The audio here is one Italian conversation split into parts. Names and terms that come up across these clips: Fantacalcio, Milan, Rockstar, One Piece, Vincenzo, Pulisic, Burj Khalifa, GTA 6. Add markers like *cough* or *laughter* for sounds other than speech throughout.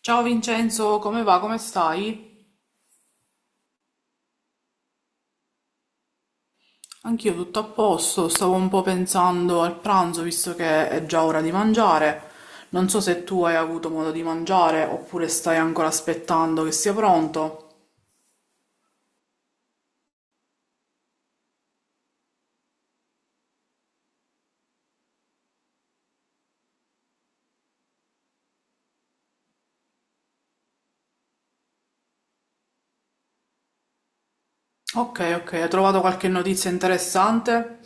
Ciao Vincenzo, come va? Come stai? Anch'io tutto a posto, stavo un po' pensando al pranzo visto che è già ora di mangiare. Non so se tu hai avuto modo di mangiare oppure stai ancora aspettando che sia pronto. Ok, ok, hai trovato qualche notizia interessante?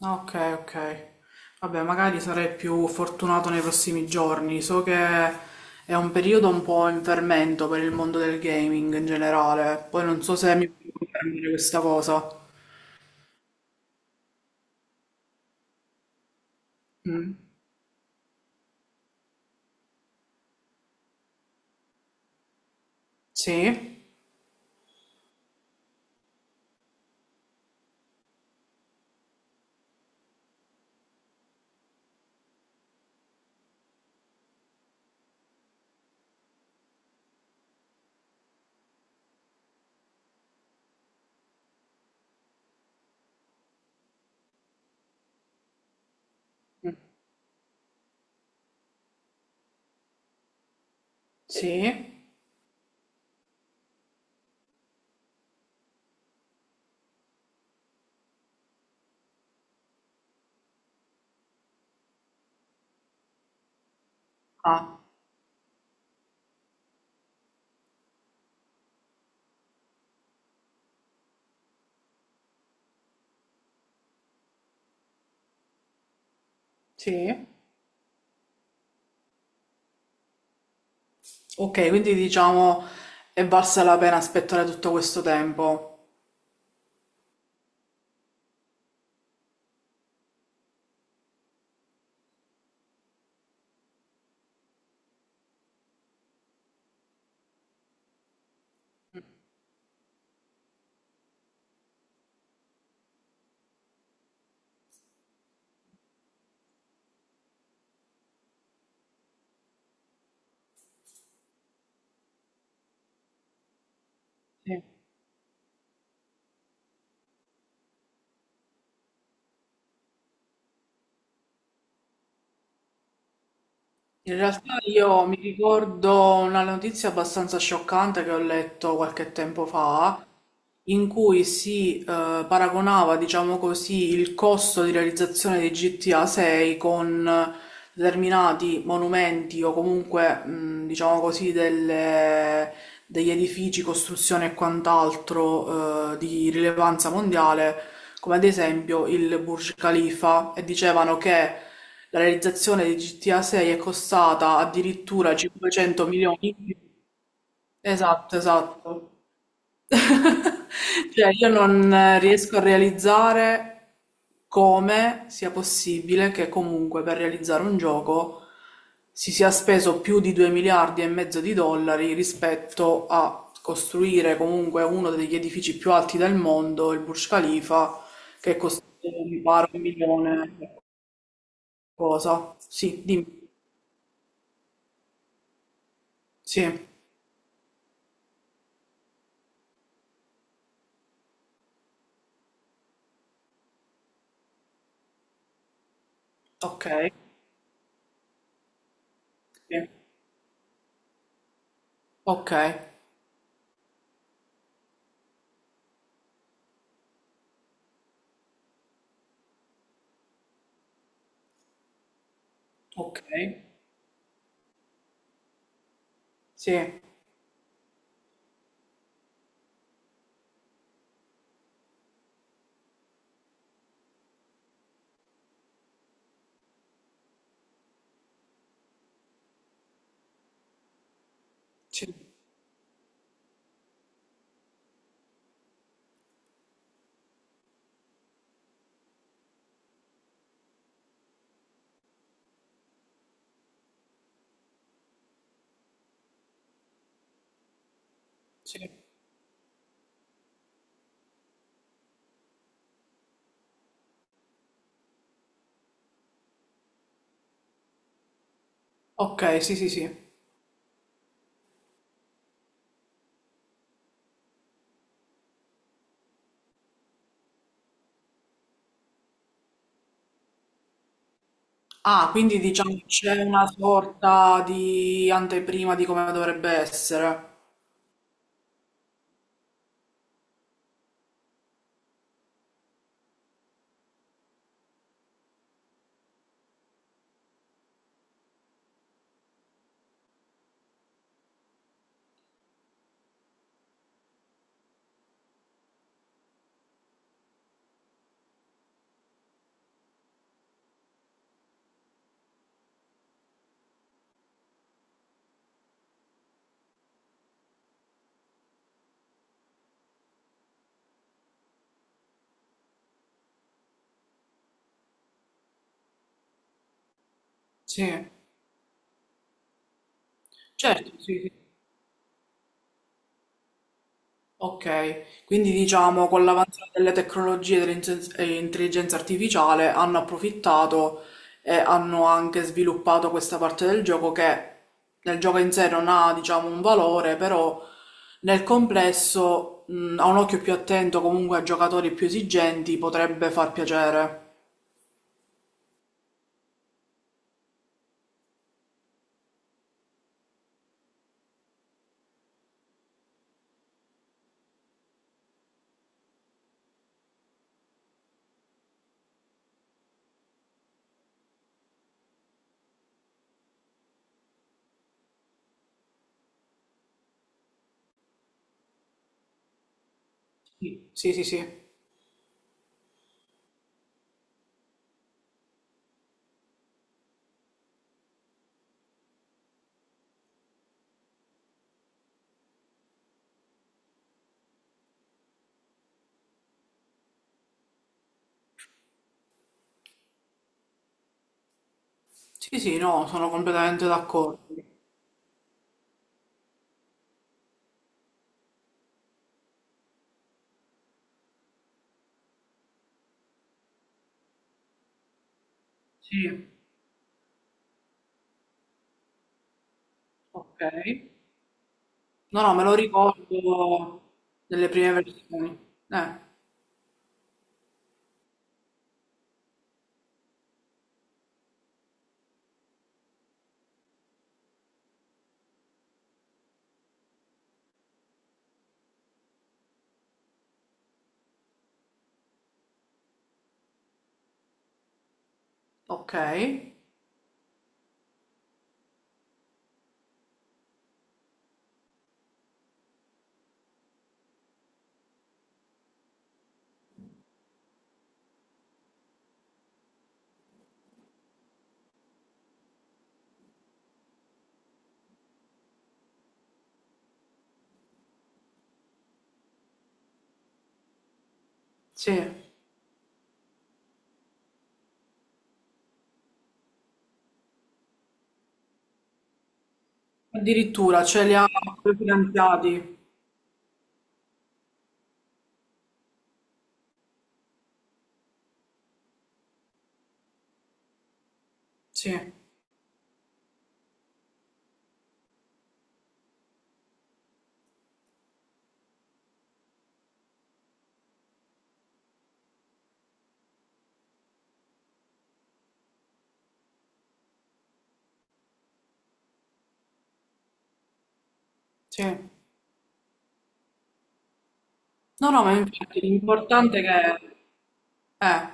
Ok, ok. Vabbè, magari sarei più fortunato nei prossimi giorni. So che è un periodo un po' in fermento per il mondo del gaming in generale. Poi non so se mi puoi confermare questa cosa. Sì? Sì, ah, sì. Ok, quindi diciamo è valsa la pena aspettare tutto questo tempo. Sì. In realtà io mi ricordo una notizia abbastanza scioccante che ho letto qualche tempo fa, in cui si paragonava, diciamo così, il costo di realizzazione di GTA 6 con determinati monumenti o comunque, diciamo così, degli edifici, costruzioni e quant'altro, di rilevanza mondiale, come ad esempio il Burj Khalifa, e dicevano che la realizzazione di GTA 6 è costata addirittura 500 milioni. Esatto, esatto. *laughs* Cioè, io non riesco a realizzare come sia possibile che comunque per realizzare un gioco si sia speso più di 2 miliardi e mezzo di dollari rispetto a costruire comunque uno degli edifici più alti del mondo, il Burj Khalifa, che costa mi pare un milione e qualcosa. Sì, dimmi. Sì, ok, sì, ok, ok, sì, sì, sì. Ok, sì, sì, sì. Ah, quindi diciamo che c'è una sorta di anteprima di come dovrebbe essere. Sì, certo, sì, sì. Ok, quindi diciamo con l'avanzare delle tecnologie e dell'intelligenza e intelligenza artificiale hanno approfittato e hanno anche sviluppato questa parte del gioco che nel gioco in sé non ha, diciamo, un valore, però nel complesso, a un occhio più attento comunque a giocatori più esigenti potrebbe far piacere. Sì, sì, sì, sì. Sì, sì, no, sono completamente d'accordo. Sì, ok. No, no, me lo ricordo delle prime versioni. Eh, ok. Sì. Addirittura ce li ha finanziati. Sì, sì. No, no, ma infatti l'importante è che Eh,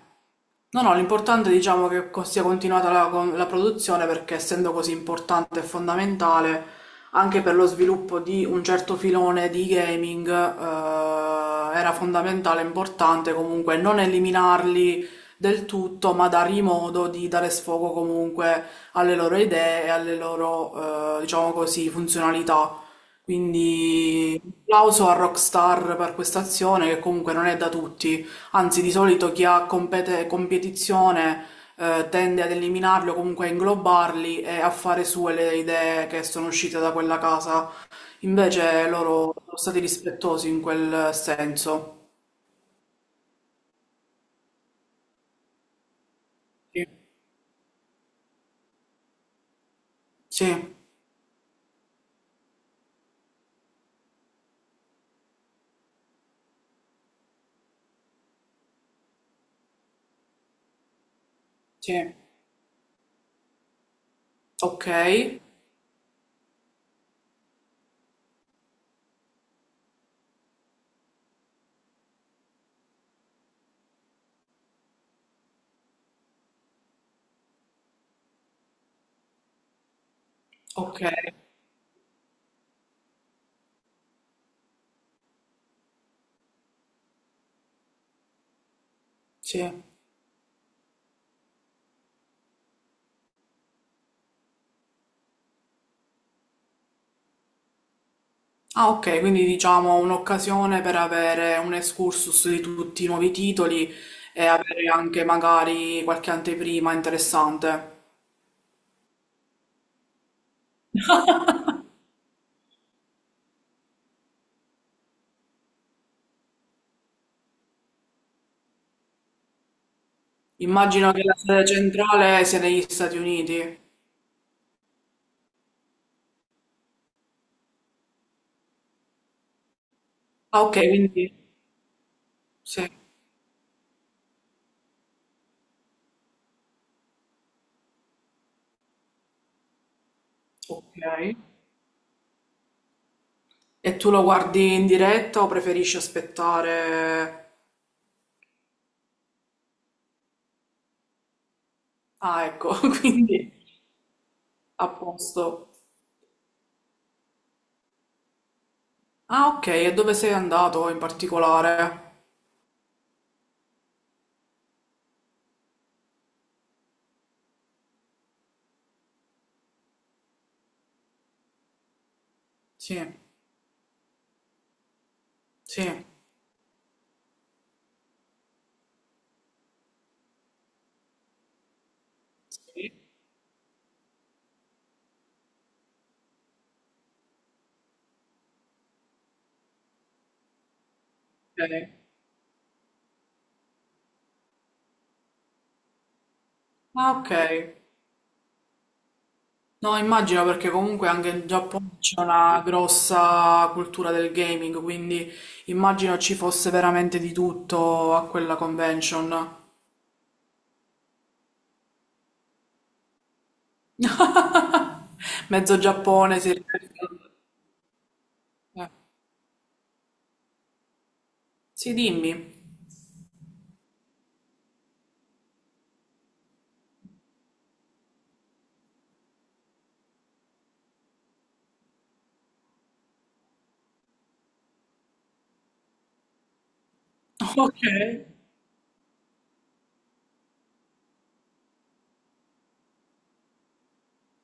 no, no, l'importante è diciamo che sia continuata la, la produzione perché essendo così importante e fondamentale anche per lo sviluppo di un certo filone di gaming, era fondamentale e importante comunque non eliminarli del tutto, ma dargli modo di dare sfogo comunque alle loro idee e alle loro, diciamo così, funzionalità. Quindi, applauso a Rockstar per questa azione che comunque non è da tutti. Anzi, di solito chi ha competizione tende ad eliminarli o comunque a inglobarli e a fare sue le idee che sono uscite da quella casa. Invece loro sono stati rispettosi in quel senso. Sì, sì, sì. Ok, ok, sì. Ah, ok, quindi diciamo un'occasione per avere un excursus di tutti i nuovi titoli e avere anche magari qualche anteprima interessante. Immagino che la sede centrale sia negli Stati Uniti. Ah, ok, quindi sì, ok. E tu lo guardi in diretta o preferisci aspettare? Ah, ecco, *laughs* quindi a posto. Ah, ok, e dove sei andato in particolare? Sì, sì. Sì, ok. Ah, ok. No, immagino perché comunque anche in Giappone c'è una grossa cultura del gaming, quindi immagino ci fosse veramente di tutto a quella convention. *laughs* Mezzo Giappone si Eh. Sì, dimmi. Ok.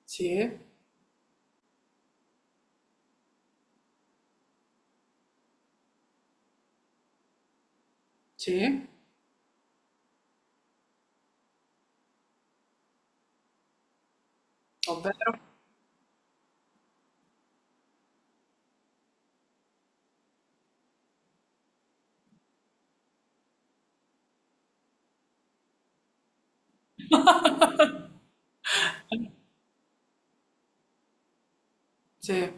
Sì, sì, ovvero? Sì,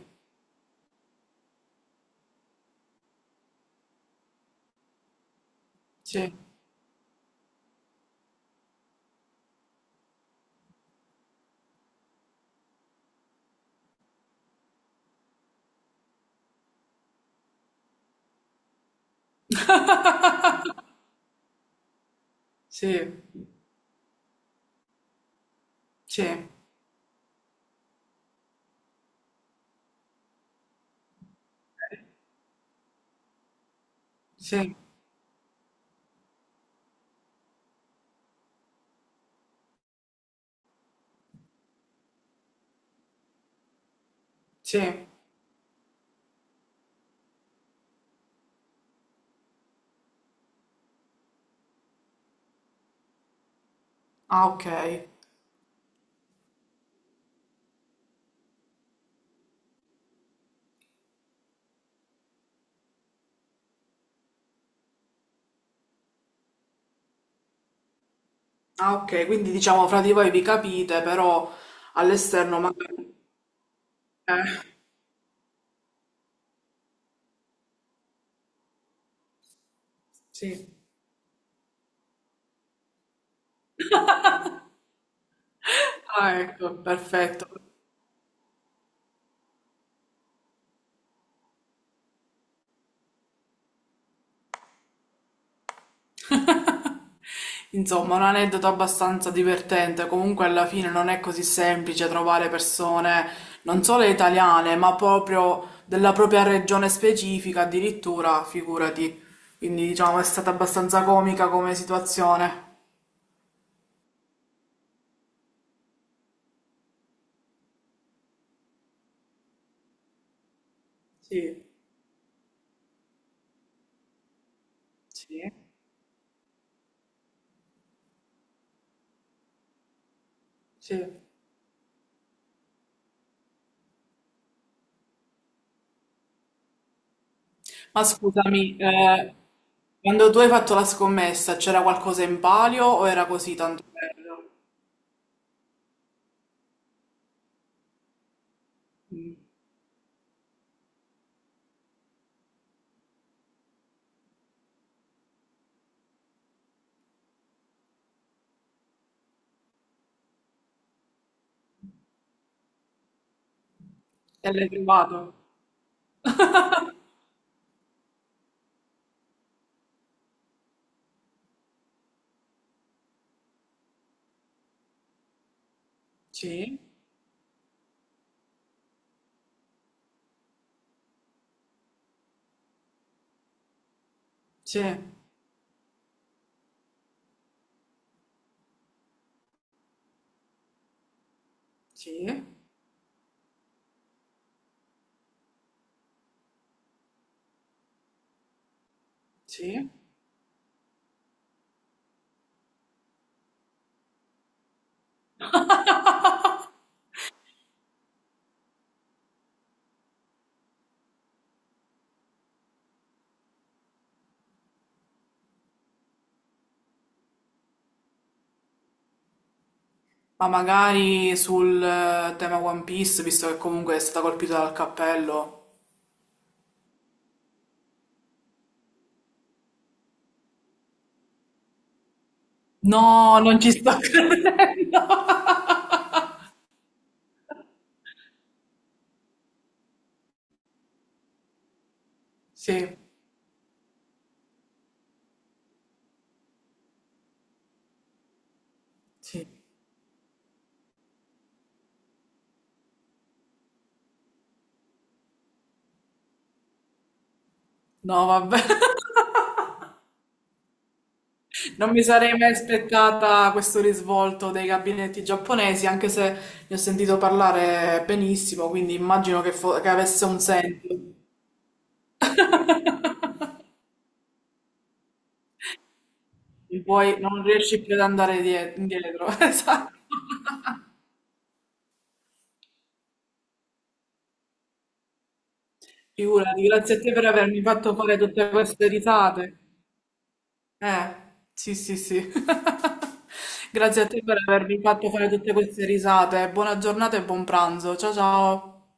sì, sì, sì, sì, sì. Ah, ok. Ah, ok, quindi diciamo fra di voi vi capite, però all'esterno magari... Eh, sì. Ah, ecco, perfetto. Insomma, un aneddoto abbastanza divertente. Comunque, alla fine non è così semplice trovare persone non solo italiane, ma proprio della propria regione specifica, addirittura, figurati. Quindi, diciamo, è stata abbastanza comica come situazione. Sì, Sì. sì. Ma scusami, quando tu hai fatto la scommessa, c'era qualcosa in palio o era così tanto bello? Mm. E l'hai trovato? Sì, sì, sì, sì. *laughs* Ma magari sul tema One Piece, visto che comunque è stata colpita dal cappello. No, non ci sto *laughs* credendo. Sì, sì. No, vabbè. *laughs* Non mi sarei mai aspettata questo risvolto dei gabinetti giapponesi, anche se ne ho sentito parlare benissimo, quindi immagino che, che avesse un senso. *laughs* E poi non riesci più ad andare indietro. *laughs* Esatto. Figurati, grazie a te per avermi fatto fare tutte queste risate. Eh, sì, sì, sì. *laughs* Grazie a te per avermi fatto fare tutte queste risate. Buona giornata e buon pranzo. Ciao ciao.